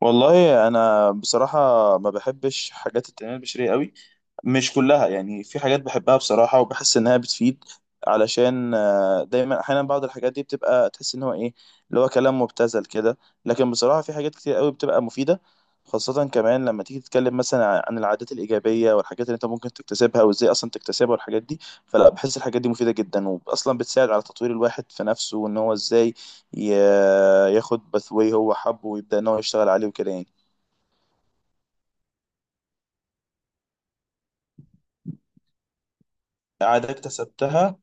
والله انا بصراحه ما بحبش حاجات التنميه البشريه قوي. مش كلها يعني، في حاجات بحبها بصراحة وبحس إنها بتفيد. علشان دايما أحيانا بعض الحاجات دي بتبقى تحس إن هو إيه اللي هو كلام مبتذل كده. لكن بصراحة في حاجات كتير قوي بتبقى مفيدة، خاصة كمان لما تيجي تتكلم مثلا عن العادات الإيجابية والحاجات اللي أنت ممكن تكتسبها وإزاي أصلا تكتسبها والحاجات دي. فلا، بحس الحاجات دي مفيدة جدا وأصلا بتساعد على تطوير الواحد في نفسه وإن هو إزاي ي- ياخد باثواي هو حبه ويبدأ إن هو يشتغل عليه وكده يعني. عادة اكتسبتها.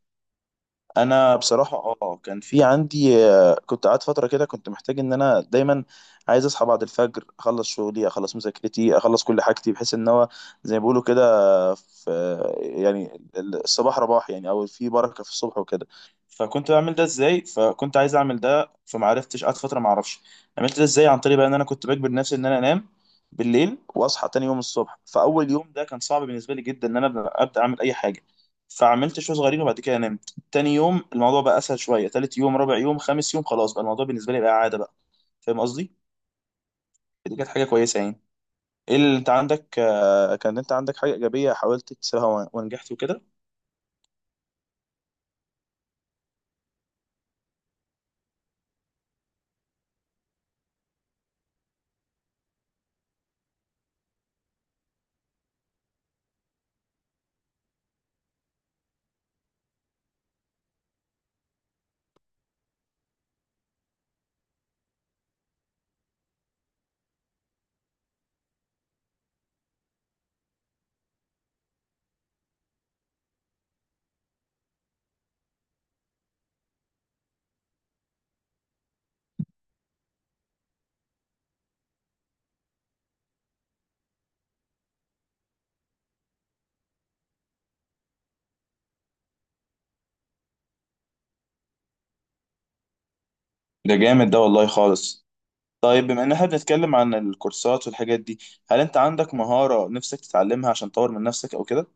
انا بصراحه كان في عندي، كنت قاعد فتره كده، كنت محتاج ان انا دايما عايز اصحى بعد الفجر، اخلص شغلي اخلص مذاكرتي اخلص كل حاجتي، بحيث ان هو زي ما بيقولوا كده في يعني الصباح رباح يعني، او في بركه في الصبح وكده. فكنت بعمل ده ازاي، فكنت عايز اعمل ده فما عرفتش، قعدت فتره ما اعرفش عملت ده ازاي. عن طريق بقى ان انا كنت بجبر نفسي ان انا انام بالليل واصحى تاني يوم الصبح. فاول يوم ده كان صعب بالنسبه لي جدا ان انا أبدأ اعمل اي حاجه، فعملت شوية صغيرين وبعد كده انام. تاني يوم الموضوع بقى اسهل شويه، تالت يوم رابع يوم خامس يوم خلاص بقى الموضوع بالنسبه لي بقى عاده بقى. فاهم قصدي؟ دي كانت حاجه كويسه يعني. ايه اللي انت عندك؟ كان انت عندك حاجه ايجابيه حاولت تكسرها ونجحت وكده؟ ده جامد ده والله خالص. طيب بما ان احنا بنتكلم عن الكورسات والحاجات دي، هل انت عندك مهاره نفسك تتعلمها عشان تطور من نفسك او كده؟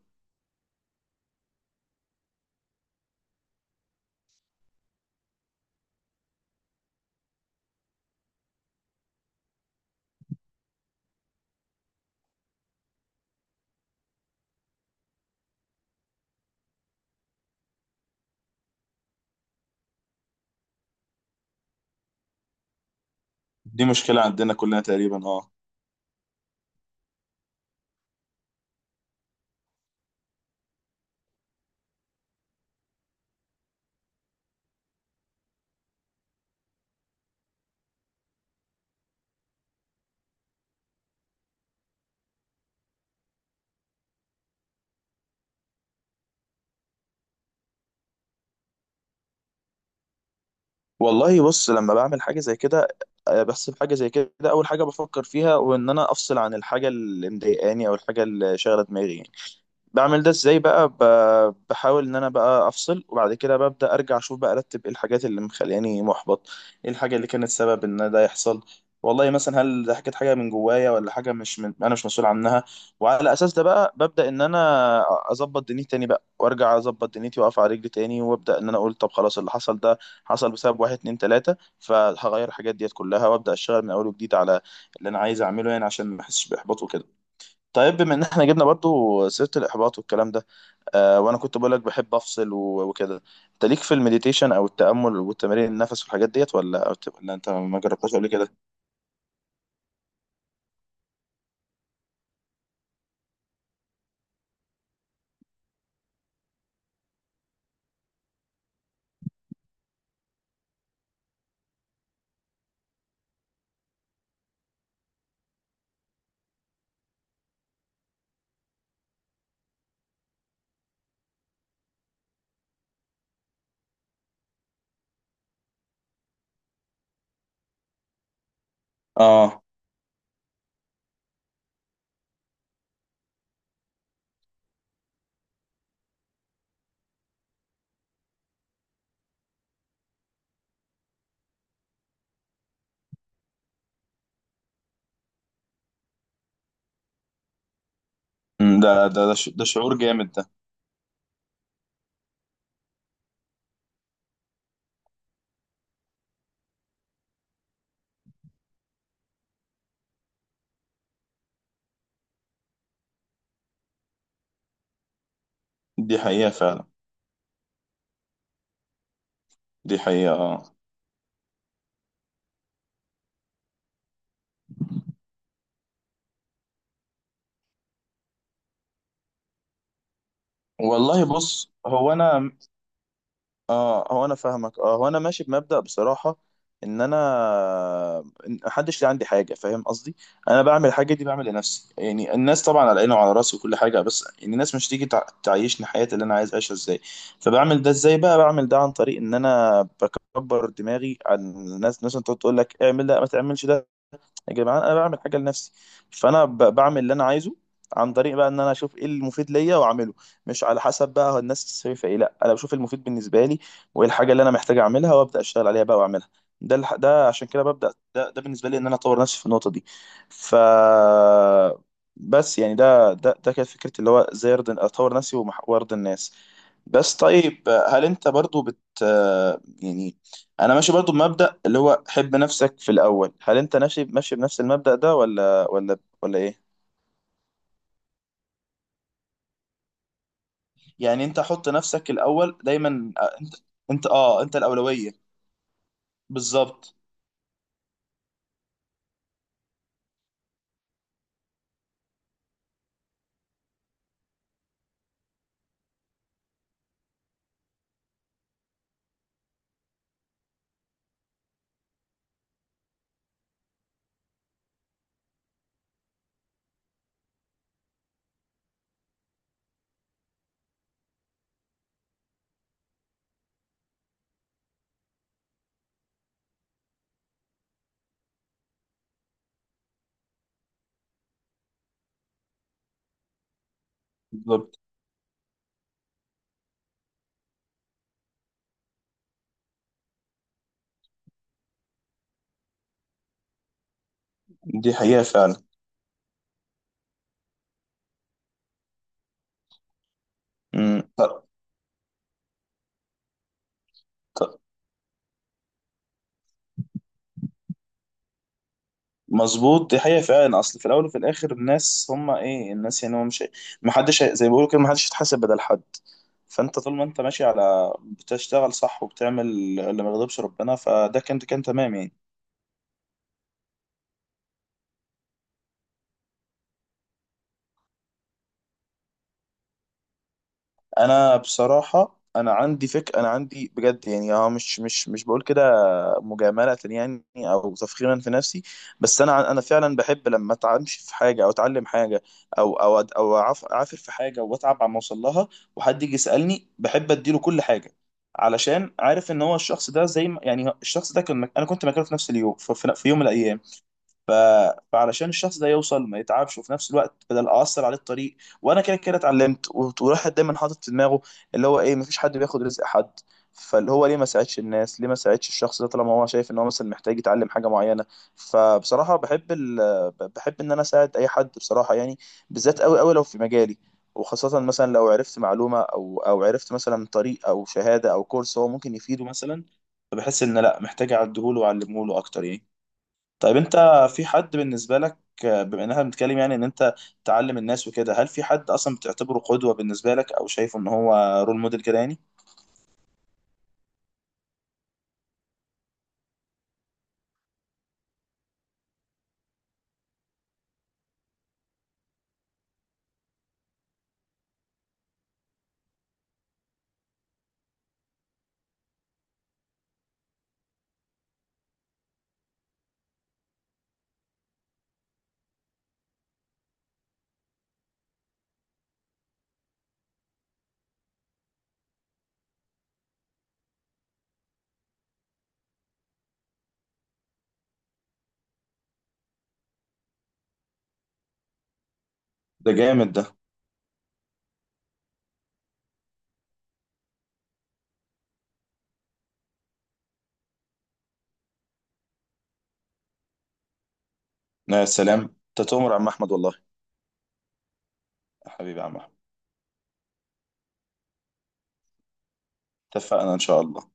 دي مشكله عندنا كلنا تقريبا، اه. والله بص، لما بعمل حاجه زي كده بس في حاجه زي كده اول حاجه بفكر فيها وان انا افصل عن الحاجه اللي مضايقاني او الحاجه اللي شاغله دماغي يعني. بعمل ده ازاي بقى؟ بحاول ان انا بقى افصل وبعد كده ببدا ارجع اشوف بقى، ارتب ايه الحاجات اللي مخلياني محبط، ايه الحاجه اللي كانت سبب ان ده يحصل، والله مثلا هل ده كانت حاجه من جوايا ولا حاجه مش من انا مش مسؤول عنها. وعلى اساس ده بقى ببدا ان انا اظبط دنيتي تاني بقى، وارجع اظبط دنيتي واقف على رجلي تاني، وابدا ان انا اقول طب خلاص، اللي حصل ده حصل بسبب واحد اتنين تلاته، فهغير الحاجات ديت كلها وابدا اشتغل من اول وجديد على اللي انا عايز اعمله يعني، عشان ما احسش باحباط وكده. طيب بما ان احنا جبنا برضو سيرة الاحباط والكلام ده، وانا كنت بقولك بحب افصل وكده، انت ليك في المديتيشن او التأمل والتمارين النفس والحاجات ديت، ولا انت ما جربتهاش قبل كده؟ اه. ده شعور جامد ده. دي حقيقة فعلا. دي حقيقة، اه. والله بص، هو انا فاهمك. اه هو انا ماشي بمبدأ بصراحة، ان انا إن محدش ليه عندي حاجة، فاهم قصدي؟ انا بعمل الحاجة دي بعمل لنفسي يعني. الناس طبعا على عيني وعلى راسي وكل حاجة، بس يعني الناس مش تيجي تعيشني حياتي اللي انا عايز اعيشها ازاي. فبعمل ده ازاي بقى؟ بعمل ده عن طريق ان انا بكبر دماغي عن الناس، مثلا تقعد تقول لك اعمل ده ما تعملش ده، يا جماعه انا بعمل حاجه لنفسي. فانا بعمل اللي انا عايزه عن طريق بقى ان انا اشوف ايه المفيد ليا واعمله، مش على حسب بقى هو الناس شايفه ايه، لا انا بشوف المفيد بالنسبه لي وايه الحاجه اللي انا محتاج اعملها وابدا اشتغل عليها بقى واعملها. ده عشان كده ببدا ده بالنسبه لي ان انا اطور نفسي في النقطه دي. ف، بس يعني ده كانت فكرتي، اللي هو ازاي ارضي اطور نفسي وارضي الناس. بس طيب، هل انت برضو يعني، انا ماشي برضو بمبدأ اللي هو حب نفسك في الاول، هل انت ماشي بنفس المبدأ ده ولا ايه؟ يعني انت حط نفسك الاول دايما، انت الأولوية؟ بالظبط. بالظبط، دي حقيقة فعلا. امم ط- ط- مظبوط، دي حقيقة فعلا، اصل في الاول وفي الاخر الناس هم ايه الناس يعني، هو مش محدش هي- زي ما بيقولوا كده محدش يتحاسب بدل حد. فانت طول ما انت ماشي على بتشتغل صح وبتعمل اللي ما يغضبش ربنا، فده كان تمام يعني. انا بصراحه، انا عندي بجد يعني، مش مش بقول كده مجامله يعني او تفخيرا في نفسي. بس انا فعلا بحب لما اتعامش في حاجه او اتعلم حاجه او اعافر في حاجه واتعب على ما اوصل لها، وحد يجي يسالني بحب اديله كل حاجه، علشان عارف ان هو الشخص ده زي ما يعني الشخص ده انا كنت مكانه في نفس اليوم، في يوم من الايام. ف... فعلشان الشخص ده يوصل ما يتعبش وفي نفس الوقت بدل اثر عليه الطريق، وانا كده كده اتعلمت وراحت دايما حاطط في دماغه اللي هو ايه، مفيش حد بياخد رزق حد. فاللي هو ليه ما ساعدش الناس، ليه ما ساعدش الشخص ده طالما هو شايف ان هو مثلا محتاج يتعلم حاجه معينه؟ فبصراحه بحب ان انا اساعد اي حد بصراحه يعني، بالذات قوي قوي لو في مجالي، وخاصة مثلا لو عرفت معلومة أو عرفت مثلا طريق أو شهادة أو كورس هو ممكن يفيده مثلا، فبحس إن لأ، محتاج أعدهوله وأعلمهوله أكتر يعني. طيب انت، في حد بالنسبة لك؟ بما ان احنا بنتكلم يعني ان انت تعلم الناس وكده، هل في حد اصلا بتعتبره قدوة بالنسبة لك او شايفه ان هو رول موديل كده يعني؟ ده جامد ده. يا سلام، انت تؤمر عم احمد والله. يا حبيبي يا عم احمد. اتفقنا ان شاء الله.